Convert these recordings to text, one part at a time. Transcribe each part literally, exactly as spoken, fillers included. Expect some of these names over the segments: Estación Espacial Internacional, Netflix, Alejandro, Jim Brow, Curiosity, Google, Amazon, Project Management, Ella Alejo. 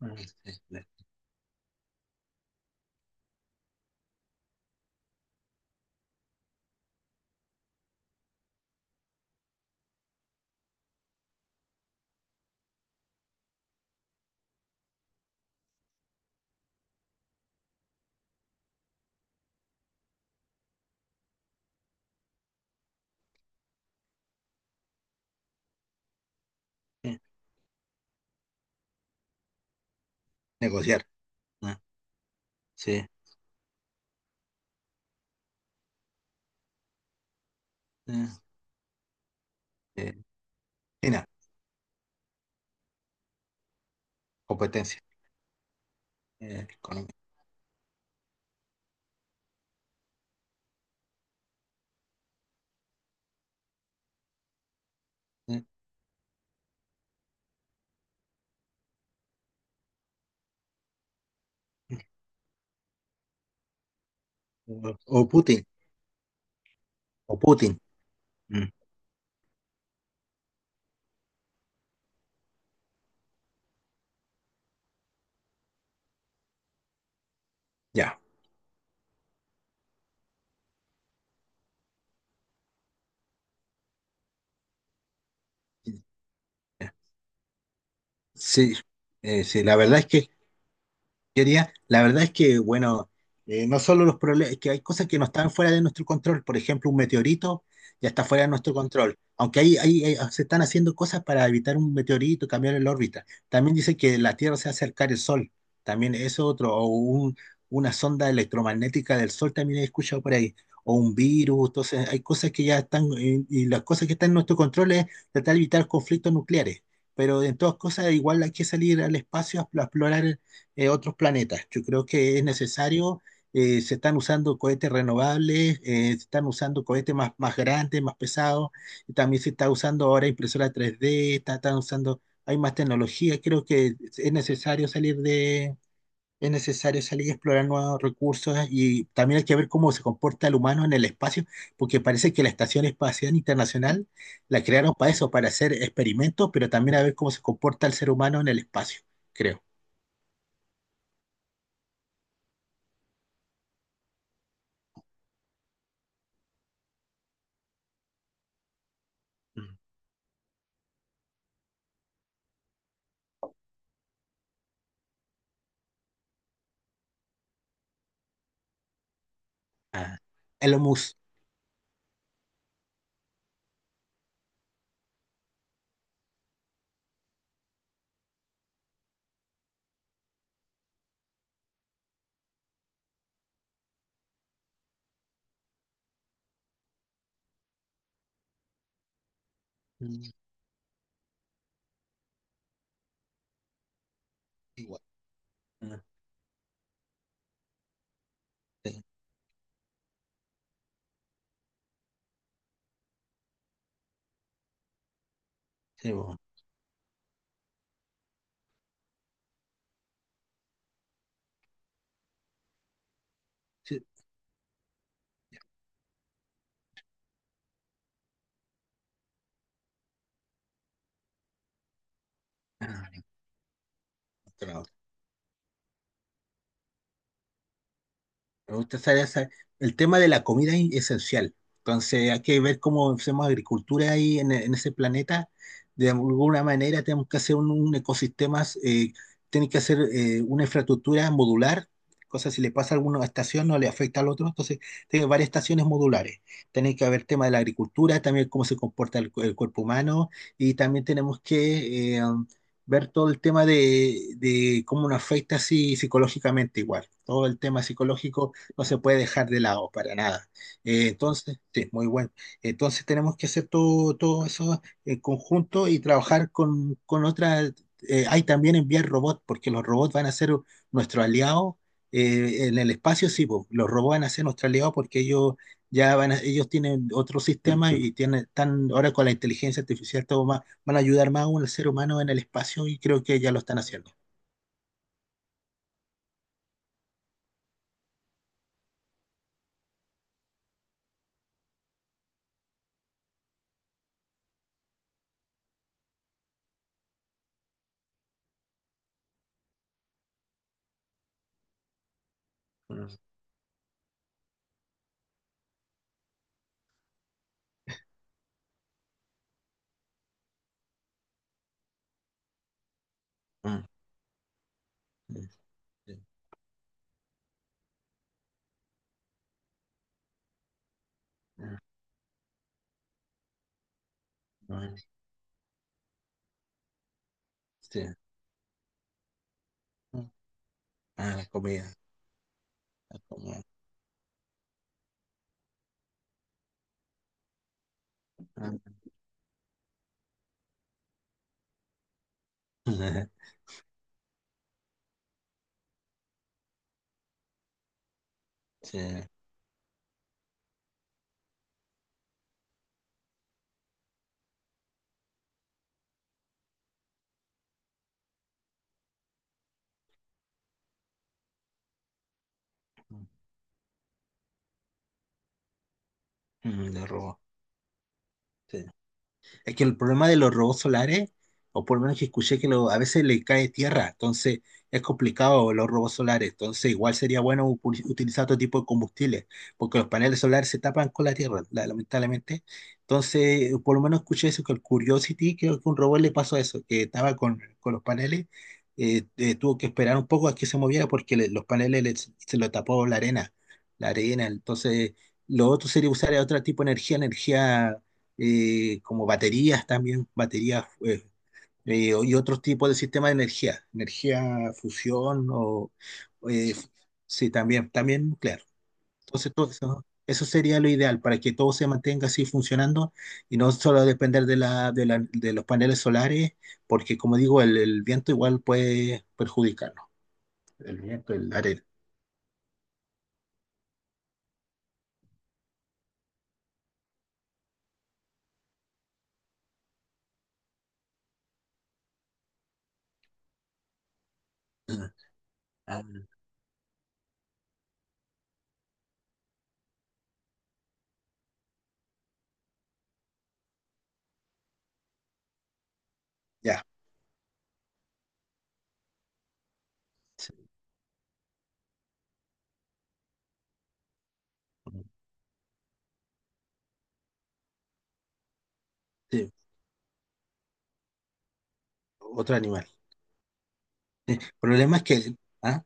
Ah, sí. Negociar. ah, Sí. ah, eh, China, competencia eh, económica. eh, O, o Putin, o Putin. mm, Ya. ya. Sí, eh, sí, la verdad es que teoría, la verdad es que, bueno, eh, no solo los problemas, que hay cosas que no están fuera de nuestro control, por ejemplo, un meteorito ya está fuera de nuestro control, aunque ahí, ahí, ahí se están haciendo cosas para evitar un meteorito, cambiar el órbita. También dice que la Tierra se hace acercar el Sol, también eso es otro, o un- una sonda electromagnética del Sol también he escuchado por ahí, o un virus, entonces hay cosas que ya están, y, y las cosas que están en nuestro control es tratar de evitar conflictos nucleares. Pero en todas cosas igual hay que salir al espacio a explorar eh, otros planetas. Yo creo que es necesario, eh, se están usando cohetes renovables, eh, se están usando cohetes más, más grandes, más pesados, y también se está usando ahora impresora tres D, está, están usando, hay más tecnología, creo que es necesario salir de... Es necesario salir a explorar nuevos recursos y también hay que ver cómo se comporta el humano en el espacio, porque parece que la Estación Espacial Internacional la crearon para eso, para hacer experimentos, pero también a ver cómo se comporta el ser humano en el espacio, creo. Ah, el hummus. Mm. Igual. Ah, Sí, sí, bueno, sí, ah, encontrado. Me gusta esa- esa- El tema de la comida es esencial. Entonces hay que ver cómo hacemos agricultura ahí en, en ese planeta. De alguna manera tenemos que hacer un, un ecosistema, eh, tiene que hacer eh, una infraestructura modular. Cosas, si le pasa a alguna estación no le afecta al otro. Entonces, tiene varias estaciones modulares. Tiene que haber tema de la agricultura, también cómo se comporta el, cu- el cuerpo humano. Y también tenemos que eh, ver todo el tema de, de cómo nos afecta así psicológicamente igual. Todo el tema psicológico no se puede dejar de lado para nada. Eh, entonces, sí, muy bueno. Entonces tenemos que hacer todo, todo eso en conjunto y trabajar con, con otras. Eh, hay también enviar robots, porque los robots van a ser nuestro aliado eh, en el espacio, sí, po, los robots van a ser nuestro aliado porque ellos ya van a- ellos tienen otro sistema y tienen, están ahora con la inteligencia artificial todo más, van a ayudar más aún al ser humano en el espacio y creo que ya lo están haciendo. Mm. mm, mm, mm, mm, sí. Ah, comida. como- Sí. Mm, De robo. Sí. Es que el problema de los robots solares, o por lo menos que escuché que lo- a veces le cae tierra, entonces es complicado los robots solares. Entonces igual sería bueno u- utilizar otro tipo de combustibles, porque los paneles solares se tapan con la tierra, la- lamentablemente. Entonces, por lo menos escuché eso, que el Curiosity, creo que un robot le pasó eso, que estaba con, con los paneles, eh, eh, tuvo que esperar un poco a que se moviera porque le- los paneles le- se lo tapó la arena, la arena. Entonces, lo otro sería usar otro tipo de energía, energía eh, como baterías también, baterías eh, eh, y otros tipos de sistemas de energía, energía fusión o eh, sí, también, también nuclear. Entonces, todo eso, eso sería lo ideal para que todo se mantenga así funcionando y no solo depender de, la, de, la- de los paneles solares, porque como digo, el, el viento igual puede perjudicarnos, el viento, el arena. Ah, Ya, sí, sí, otro animal. El problema es que, ¿ah?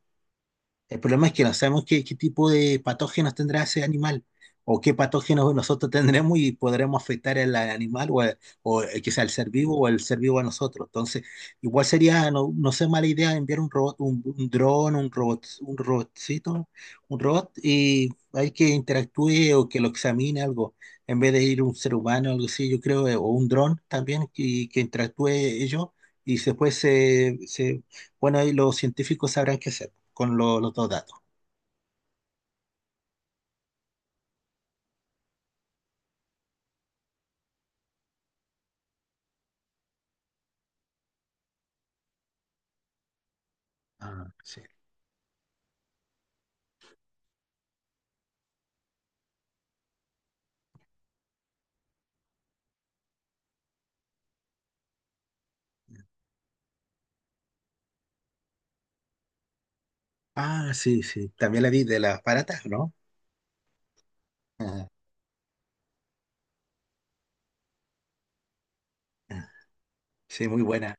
El problema es que no sabemos qué, qué tipo de patógenos tendrá ese animal o qué patógenos nosotros tendremos y podremos afectar al animal o, a- o eh, quizá al ser vivo o al ser vivo a nosotros. Entonces, igual sería, no, no sé, mala idea enviar un robot, un, un dron, un robot, un robotcito, un robot y hay que interactúe o que lo examine algo, en vez de ir un ser humano, algo así, yo creo, eh, o un dron también que, que interactúe ellos y después se, se, bueno, ahí los científicos sabrán qué hacer con lo- los dos datos. Ah, sí. Ah, sí, sí. También la vi de las baratas, ¿no? Ah, ah, sí, muy buena.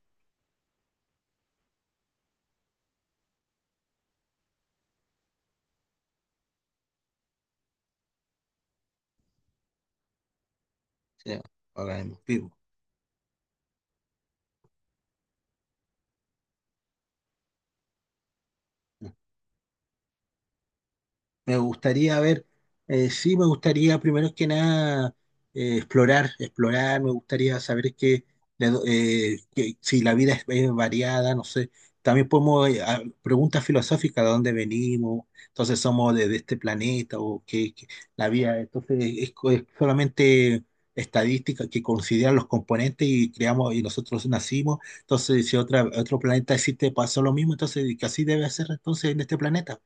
Sí, ahora mismo, me gustaría ver, eh, sí, me gustaría primero que nada eh, explorar, explorar, me gustaría saber que, de do- eh, que si la vida es, es variada, no sé. También podemos, eh, a- preguntas filosóficas, ¿de dónde venimos? Entonces somos de, de este planeta o que, la vida, entonces eh, es, co- es solamente estadística que consideran los componentes y creamos y nosotros nacimos. Entonces, si otra, otro planeta existe, pasó lo mismo, entonces que así debe ser entonces en este planeta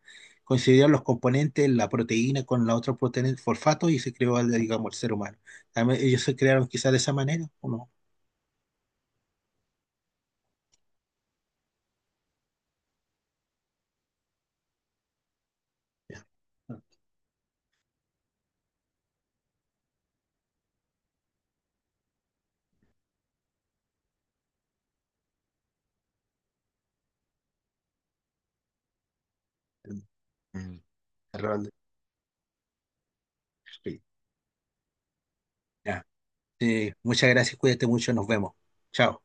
coincidieron los componentes, la proteína con la otra proteína, el fosfato, y se creó, digamos, el ser humano. También ellos se crearon quizás de esa manera, ¿o no? Ya. Mm. Error. Sí. Ya. Eh, muchas gracias, cuídate mucho, nos vemos. Chao.